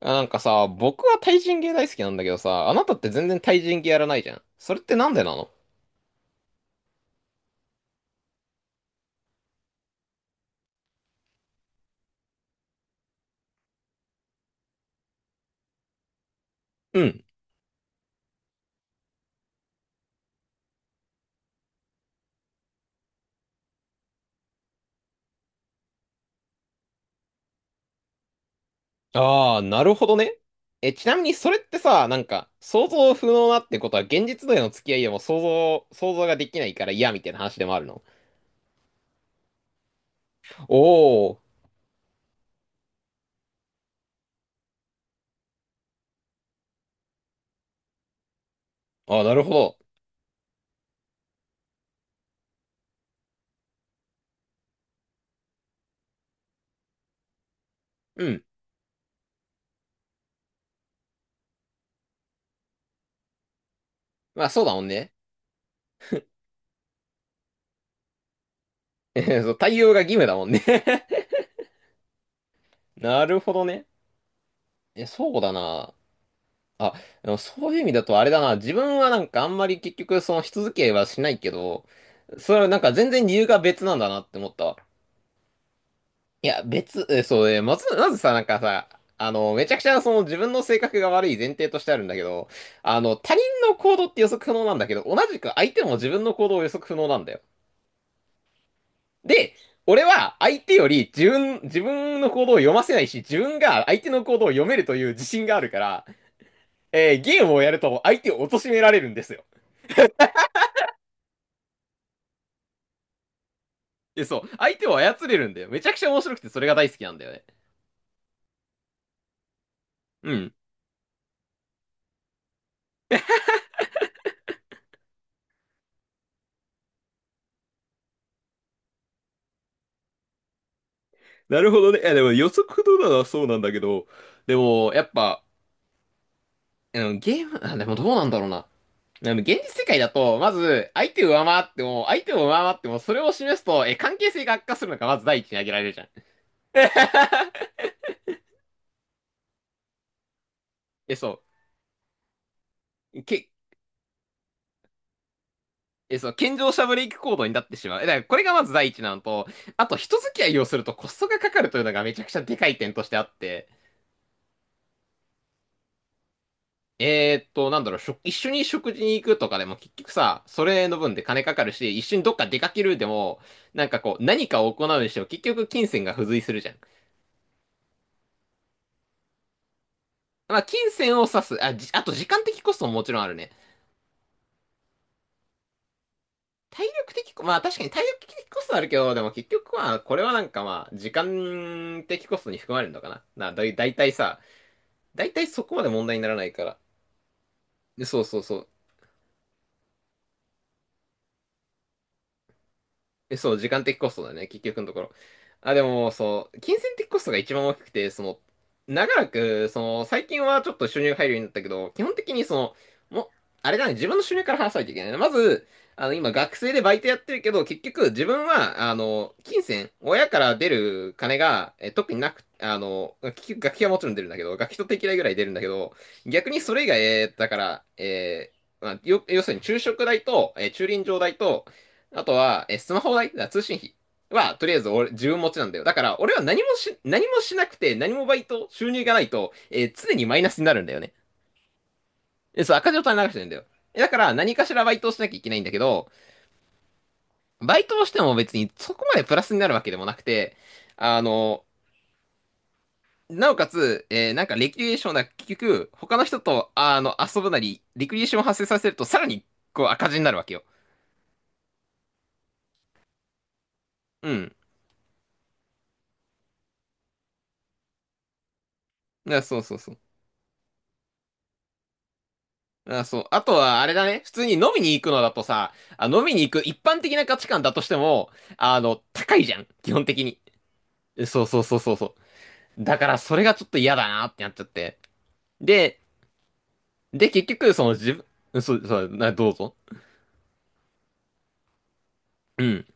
あなんかさ、僕は対人芸大好きなんだけどさ、あなたって全然対人芸やらないじゃん。それってなんでなの？うん。ああ、なるほどね。え、ちなみにそれってさ、なんか、想像不能なってことは現実での付き合いでも想像ができないから嫌みたいな話でもあるの？おー。ああ、なるほど。うん。まあそうだもんね。そう対応が義務だもんね。 なるほどね。え、そうだな。あ、でもそういう意味だとあれだな。自分はなんかあんまり結局そのし続けはしないけど、それはなんか全然理由が別なんだなって思ったわ。いや、別、え、そうね、まずさ、なんかさ、あの、めちゃくちゃその自分の性格が悪い前提としてあるんだけど、あの、他人の行動って予測不能なんだけど、同じく相手も自分の行動を予測不能なんだよ。で、俺は相手より自分の行動を読ませないし、自分が相手の行動を読めるという自信があるから、ゲームをやると相手を貶められるんですよ。で、そう。相手を操れるんだよ。めちゃくちゃ面白くて、それが大好きなんだよね。うん。なるほどね。いや、でも予測不能なのはそうなんだけど、でも、やっぱ、うん、ゲーム、あ、でもどうなんだろうな。でも現実世界だと、まず、相手を上回っても、それを示すと、え、関係性が悪化するのがまず第一に挙げられるじゃん。え、そう。け、え、そう、健常者ブレイク行動になってしまう。え、だからこれがまず第一なのと、あと人付き合いをするとコストがかかるというのがめちゃくちゃでかい点としてあって、なんだろう、食一緒に食事に行くとかでも結局さ、それの分で金かかるし、一緒にどっか出かけるでも、なんかこう、何かを行うにしても結局金銭が付随するじゃん。まあ、金銭を指す、あ、じ、あと時間的コストももちろんあるね。体力的コ、まあ確かに体力的コストあるけど、でも結局まあ、これはなんかまあ、時間的コストに含まれるのかな。な、だい、だいたいさ、だいたいそこまで問題にならないから。でそうそうそう。え、そう、時間的コストだね、結局のところ。あ、でも、そう、金銭的コストが一番大きくて、その、長らく、その、最近はちょっと収入入るようになったけど、基本的にその、もう、あれだね、自分の収入から話さないといけないね。まず、あの、今、学生でバイトやってるけど、結局、自分は、あの、金銭、親から出る金が、え、特になく、あの、結局、学費はもちろん出るんだけど、学費と定期代ぐらい出るんだけど、逆にそれ以外、だから、まあ、よ、要するに昼食代と、駐輪場代と、あとは、え、スマホ代、通信費は、とりあえず俺、自分持ちなんだよ。だから、俺は何もし、何もしなくて、何もバイト、収入がないと、常にマイナスになるんだよね。え、そう、赤字を垂れ流してるんだよ。えだから、何かしらバイトをしなきゃいけないんだけど、バイトをしても別にそこまでプラスになるわけでもなくて、あの、なおかつ、なんかレクリエーションな、結局、他の人と、あの、遊ぶなり、レクリエーションを発生させると、さらに、こう、赤字になるわけよ。うん。だからそうそうそう。あ、そう。あとは、あれだね。普通に飲みに行くのだとさ、あ、飲みに行く一般的な価値観だとしても、あの、高いじゃん。基本的に。そうそうそうそうそう。だから、それがちょっと嫌だなってなっちゃって。で、で、結局、その自分、そう、そう、な、どうぞ。うん。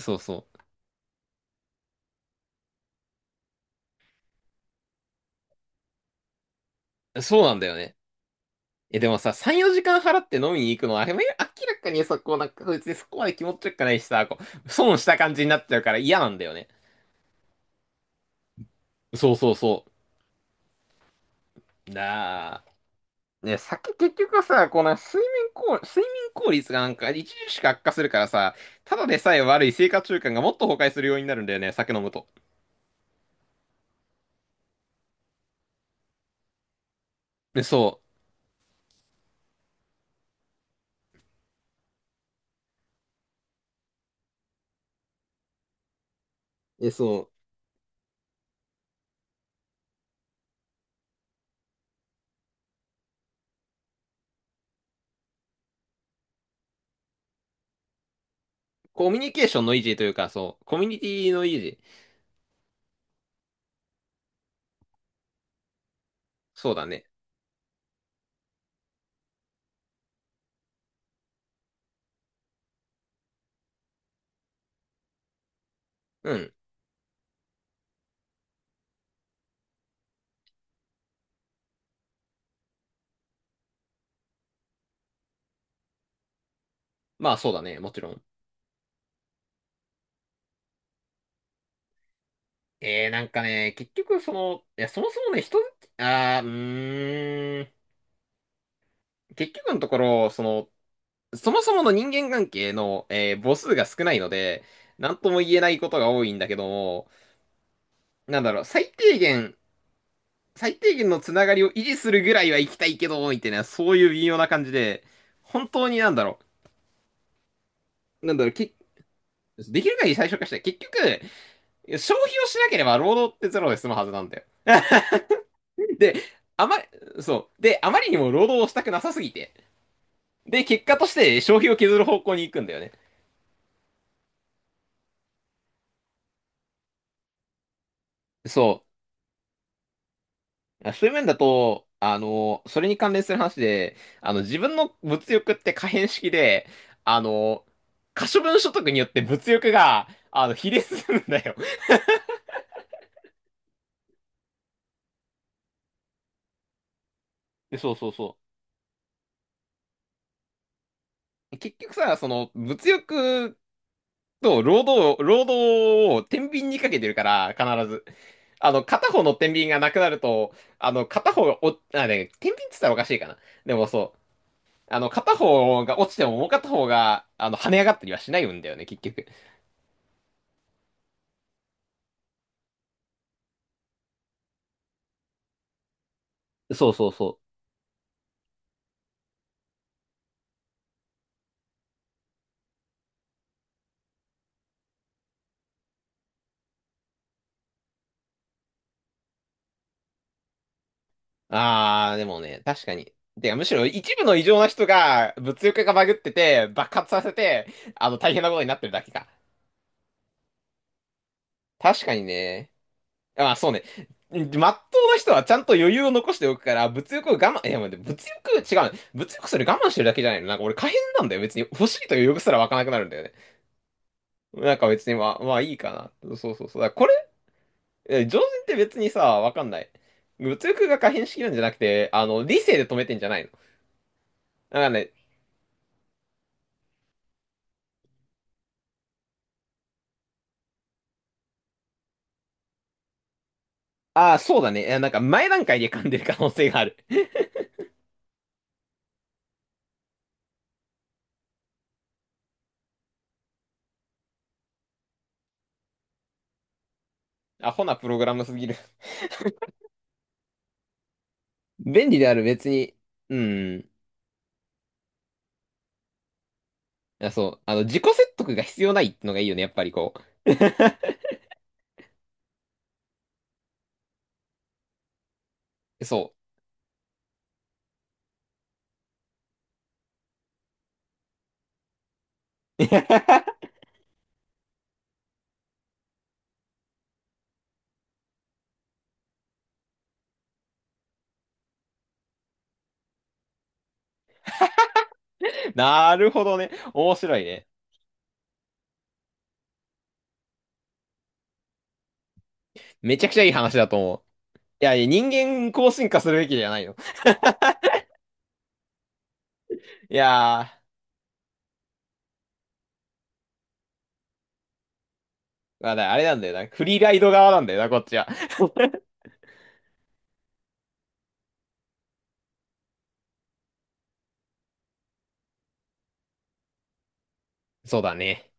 そうそう。そうなんだよね。え、でもさ、3、4時間払って飲みに行くのは、あれ明らかにさ、こう、なんか、別にそこまで気持ちよくないしさ、こう、損した感じになっちゃうから嫌なんだよね。そうそうそう。なあ。ね、酒結局さ、この睡眠効率がなんか著しく悪化するからさ、ただでさえ悪い生活習慣がもっと崩壊するようになるんだよね、酒飲むと。え、そう。え、そう。コミュニケーションの維持というか、そう。コミュニティの維持。そうだね。うん。まあそうだね、もちろん。なんかね、結局その、いや、そもそもね、人、あー、うーん。結局のところ、その、そもそもの人間関係の、母数が少ないので、なんとも言えないことが多いんだけども、なんだろう、最低限のつながりを維持するぐらいは行きたいけど、みたいな、そういう微妙な感じで、本当になんだろう、け、できる限り最小化したい。結局、消費をしなければ労働ってゼロで済むはずなんだよ。で、あまり、そう。で、あまりにも労働をしたくなさすぎて。で、結果として消費を削る方向に行くんだよね。そう。あそういう面だと、あの、それに関連する話で、あの、自分の物欲って可変式で、あの、可処分所得によって物欲が、あの、比例するんだよ。でそうそうそう。結局さ、その、物欲と労働を天秤にかけてるから、必ず。あの、片方の天秤がなくなると、あの、片方がお、あ、ね、天秤って言ったらおかしいかな。でもそう。あの、片方が落ちてももう片方が、あの、跳ね上がったりはしないんだよね、結局。そうそうそう。あーでもね、確かに。てか、むしろ一部の異常な人が物欲がバグってて、爆発させて、あの、大変なことになってるだけか。確かにね。あ、そうね。まっとうな人はちゃんと余裕を残しておくから、物欲を我慢、いや、待って物欲、違うね。物欲それ我慢してるだけじゃないの。なんか俺可変なんだよ。別に欲しいという欲すら湧かなくなるんだよね。なんか別にまあ、まあいいかな。そうそうそう。だからこれ、え常人って別にさ、わかんない。物欲が可変しきるんじゃなくて、あの、理性で止めてんじゃないの。だからねああ、そうだね。えなんか前段階で噛んでる可能性がある。アホなプログラムすぎる。便利である、別に。うん。あ、そう。あの、自己説得が必要ないのがいいよね、やっぱりこう。そう。なるほどね。面白いね。めちゃくちゃいい話だと思う。いや、いや人間こう進化するべきじゃないの。いやー、まあだあれなんだよな。フリーライド側なんだよな、こっちは。そうだね。